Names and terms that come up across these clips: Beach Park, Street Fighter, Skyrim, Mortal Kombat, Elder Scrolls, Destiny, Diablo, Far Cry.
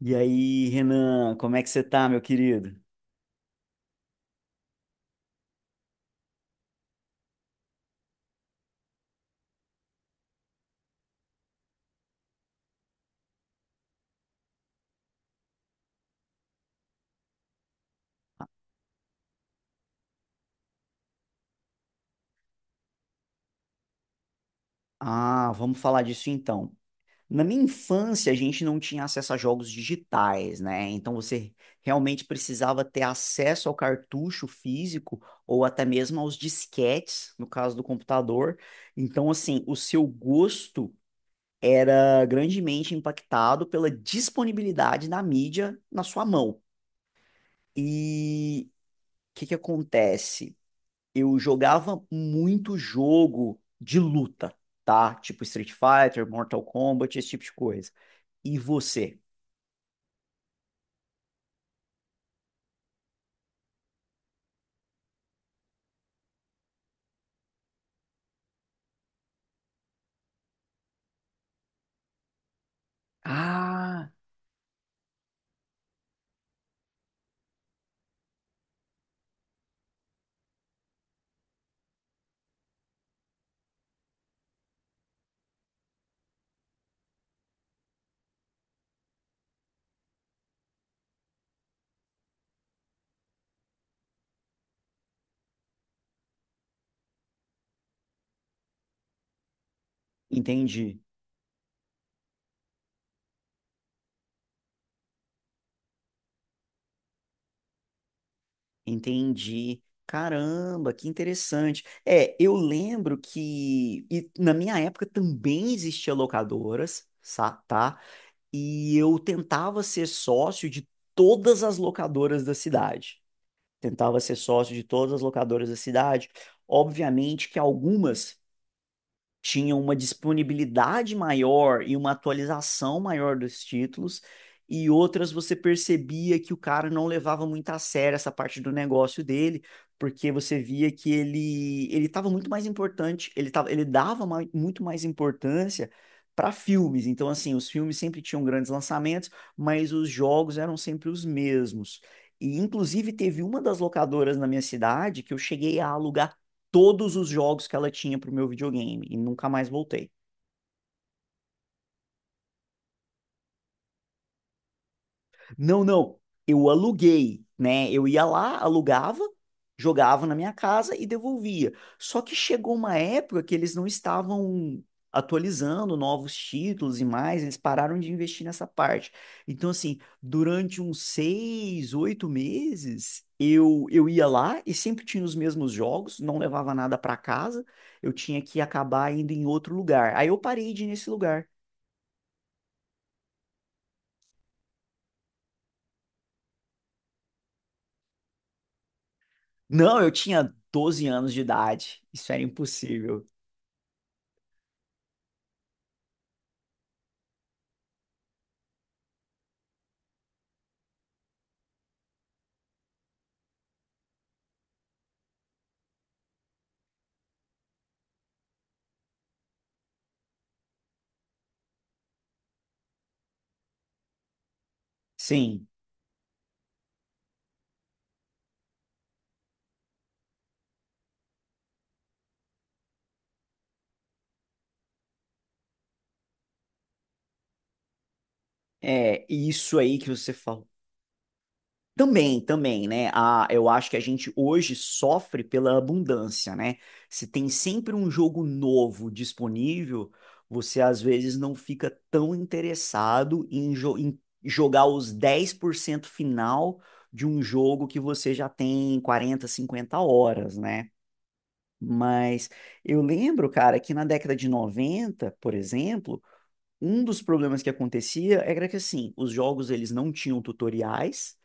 E aí, Renan, como é que você tá, meu querido? Ah, vamos falar disso então. Na minha infância, a gente não tinha acesso a jogos digitais, né? Então você realmente precisava ter acesso ao cartucho físico ou até mesmo aos disquetes, no caso do computador. Então, assim, o seu gosto era grandemente impactado pela disponibilidade da mídia na sua mão. E o que que acontece? Eu jogava muito jogo de luta, tá? Tipo Street Fighter, Mortal Kombat, esse tipo de coisa. E você? Ah, entendi, entendi. Caramba, que interessante. É, eu lembro que e na minha época também existia locadoras, tá? E eu tentava ser sócio de todas as locadoras da cidade. Tentava ser sócio de todas as locadoras da cidade. Obviamente que algumas tinha uma disponibilidade maior e uma atualização maior dos títulos, e outras você percebia que o cara não levava muito a sério essa parte do negócio dele, porque você via que ele estava muito mais importante, ele tava, ele dava muito mais importância para filmes. Então, assim, os filmes sempre tinham grandes lançamentos, mas os jogos eram sempre os mesmos. E, inclusive, teve uma das locadoras na minha cidade que eu cheguei a alugar todos os jogos que ela tinha pro meu videogame e nunca mais voltei. Não, não, eu aluguei, né? Eu ia lá, alugava, jogava na minha casa e devolvia. Só que chegou uma época que eles não estavam atualizando novos títulos e mais, eles pararam de investir nessa parte. Então, assim, durante uns seis, oito meses, eu ia lá e sempre tinha os mesmos jogos, não levava nada para casa, eu tinha que acabar indo em outro lugar. Aí eu parei de ir nesse lugar. Não, eu tinha 12 anos de idade. Isso era impossível. Sim, é isso aí que você falou. Também, também, né? Ah, eu acho que a gente hoje sofre pela abundância, né? Se tem sempre um jogo novo disponível, você às vezes não fica tão interessado em jogar os 10% final de um jogo que você já tem 40, 50 horas, né? Mas eu lembro, cara, que na década de 90, por exemplo, um dos problemas que acontecia era que assim, os jogos eles não tinham tutoriais,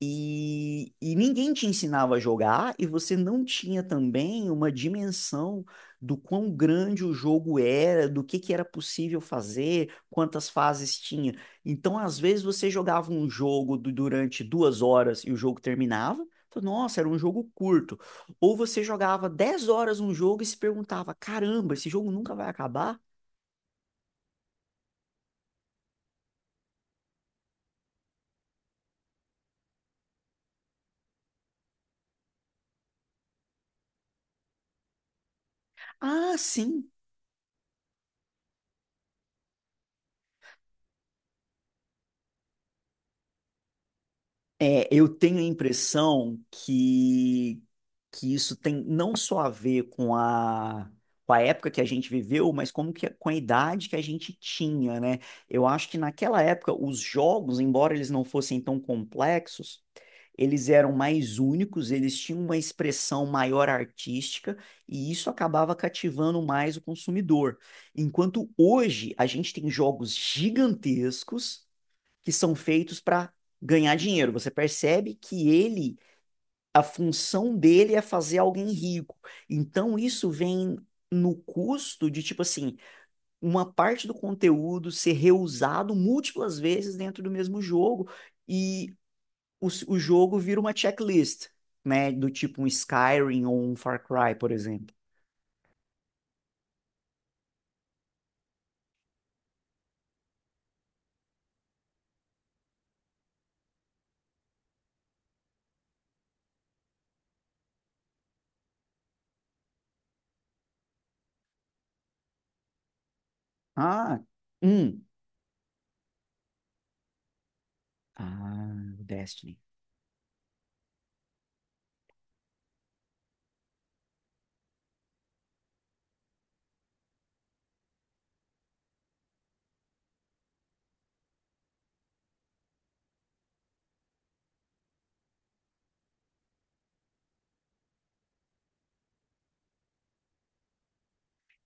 e ninguém te ensinava a jogar, e você não tinha também uma dimensão do quão grande o jogo era, do que era possível fazer, quantas fases tinha. Então, às vezes, você jogava um jogo durante 2 horas e o jogo terminava. Então, nossa, era um jogo curto. Ou você jogava 10 horas um jogo e se perguntava: caramba, esse jogo nunca vai acabar? Ah, sim. É, eu tenho a impressão que isso tem não só a ver com com a época que a gente viveu, mas com a idade que a gente tinha, né? Eu acho que naquela época os jogos, embora eles não fossem tão complexos, eles eram mais únicos, eles tinham uma expressão maior artística e isso acabava cativando mais o consumidor. Enquanto hoje a gente tem jogos gigantescos que são feitos para ganhar dinheiro. Você percebe que a função dele é fazer alguém rico. Então isso vem no custo de, tipo assim, uma parte do conteúdo ser reusado múltiplas vezes dentro do mesmo jogo e o jogo vira uma checklist, né? Do tipo um Skyrim ou um Far Cry, por exemplo. Ah, um. Ah, Destiny.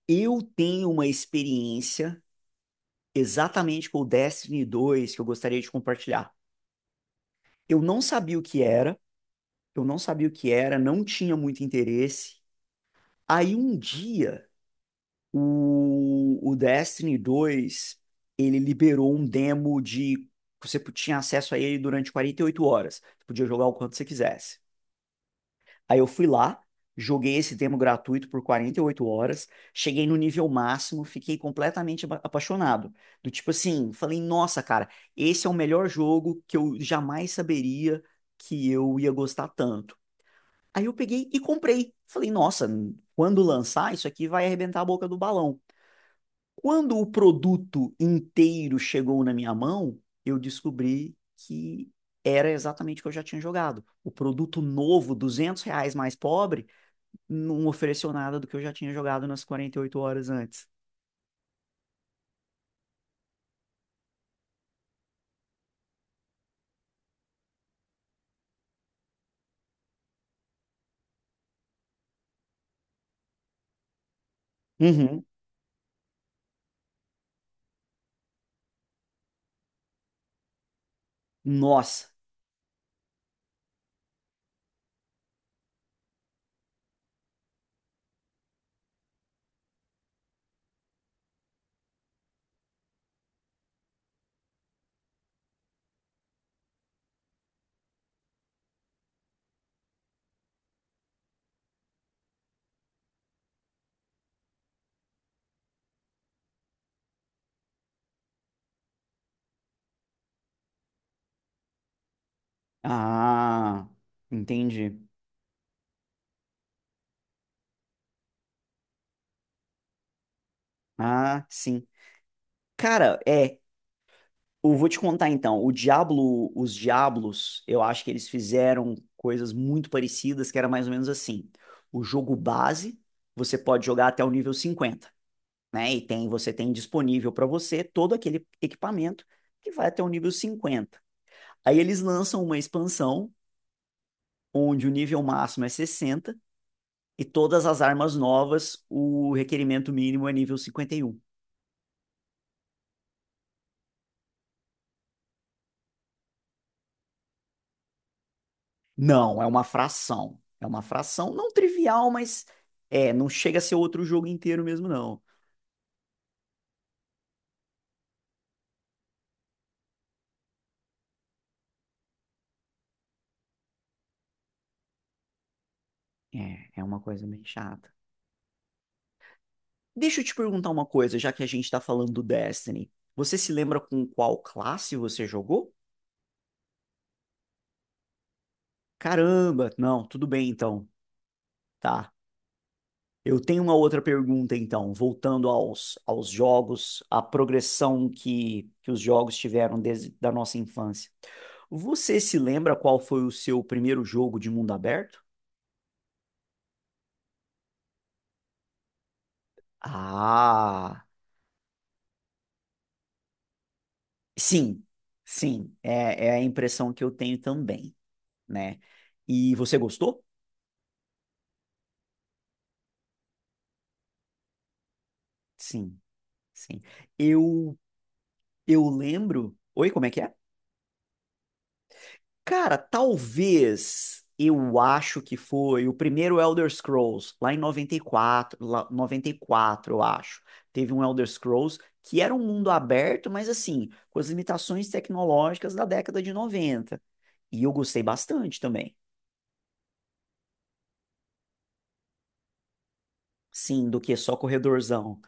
Eu tenho uma experiência exatamente com o Destiny dois que eu gostaria de compartilhar. Eu não sabia o que era, eu não sabia o que era, não tinha muito interesse. Aí um dia, o Destiny dois ele liberou um demo. Você tinha acesso a ele durante 48 horas. Você podia jogar o quanto você quisesse. Aí eu fui lá, joguei esse demo gratuito por 48 horas, cheguei no nível máximo, fiquei completamente apaixonado. Do tipo assim, falei, nossa, cara, esse é o melhor jogo que eu jamais saberia que eu ia gostar tanto. Aí eu peguei e comprei. Falei, nossa, quando lançar, isso aqui vai arrebentar a boca do balão. Quando o produto inteiro chegou na minha mão, eu descobri que era exatamente o que eu já tinha jogado. O produto novo, R$ 200 mais pobre, não ofereceu nada do que eu já tinha jogado nas 48 horas antes. Uhum. Nossa. Ah, entendi. Ah, sim. Cara, é, eu vou te contar então. O Diablo, os Diablos, eu acho que eles fizeram coisas muito parecidas, que era mais ou menos assim. O jogo base, você pode jogar até o nível 50, né? Você tem disponível para você todo aquele equipamento que vai até o nível 50. Aí eles lançam uma expansão onde o nível máximo é 60 e todas as armas novas, o requerimento mínimo é nível 51. Não, é uma fração. É uma fração não trivial, mas é, não chega a ser outro jogo inteiro mesmo, não. É uma coisa meio chata. Deixa eu te perguntar uma coisa, já que a gente tá falando do Destiny. Você se lembra com qual classe você jogou? Caramba, não, tudo bem então. Tá. Eu tenho uma outra pergunta, então, voltando aos jogos, à progressão que os jogos tiveram desde da nossa infância. Você se lembra qual foi o seu primeiro jogo de mundo aberto? Ah, sim, sim, é a impressão que eu tenho também, né? E você gostou? Sim, sim. Eu, eu lembro. Oi, como é que é? Cara, talvez eu acho que foi o primeiro Elder Scrolls, lá em 94, lá, 94 eu acho. Teve um Elder Scrolls que era um mundo aberto, mas assim, com as limitações tecnológicas da década de noventa. E eu gostei bastante também. Sim, do que só corredorzão.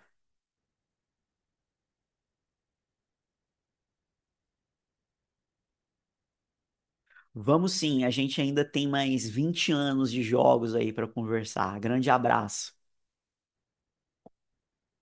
Vamos sim, a gente ainda tem mais 20 anos de jogos aí para conversar. Grande abraço.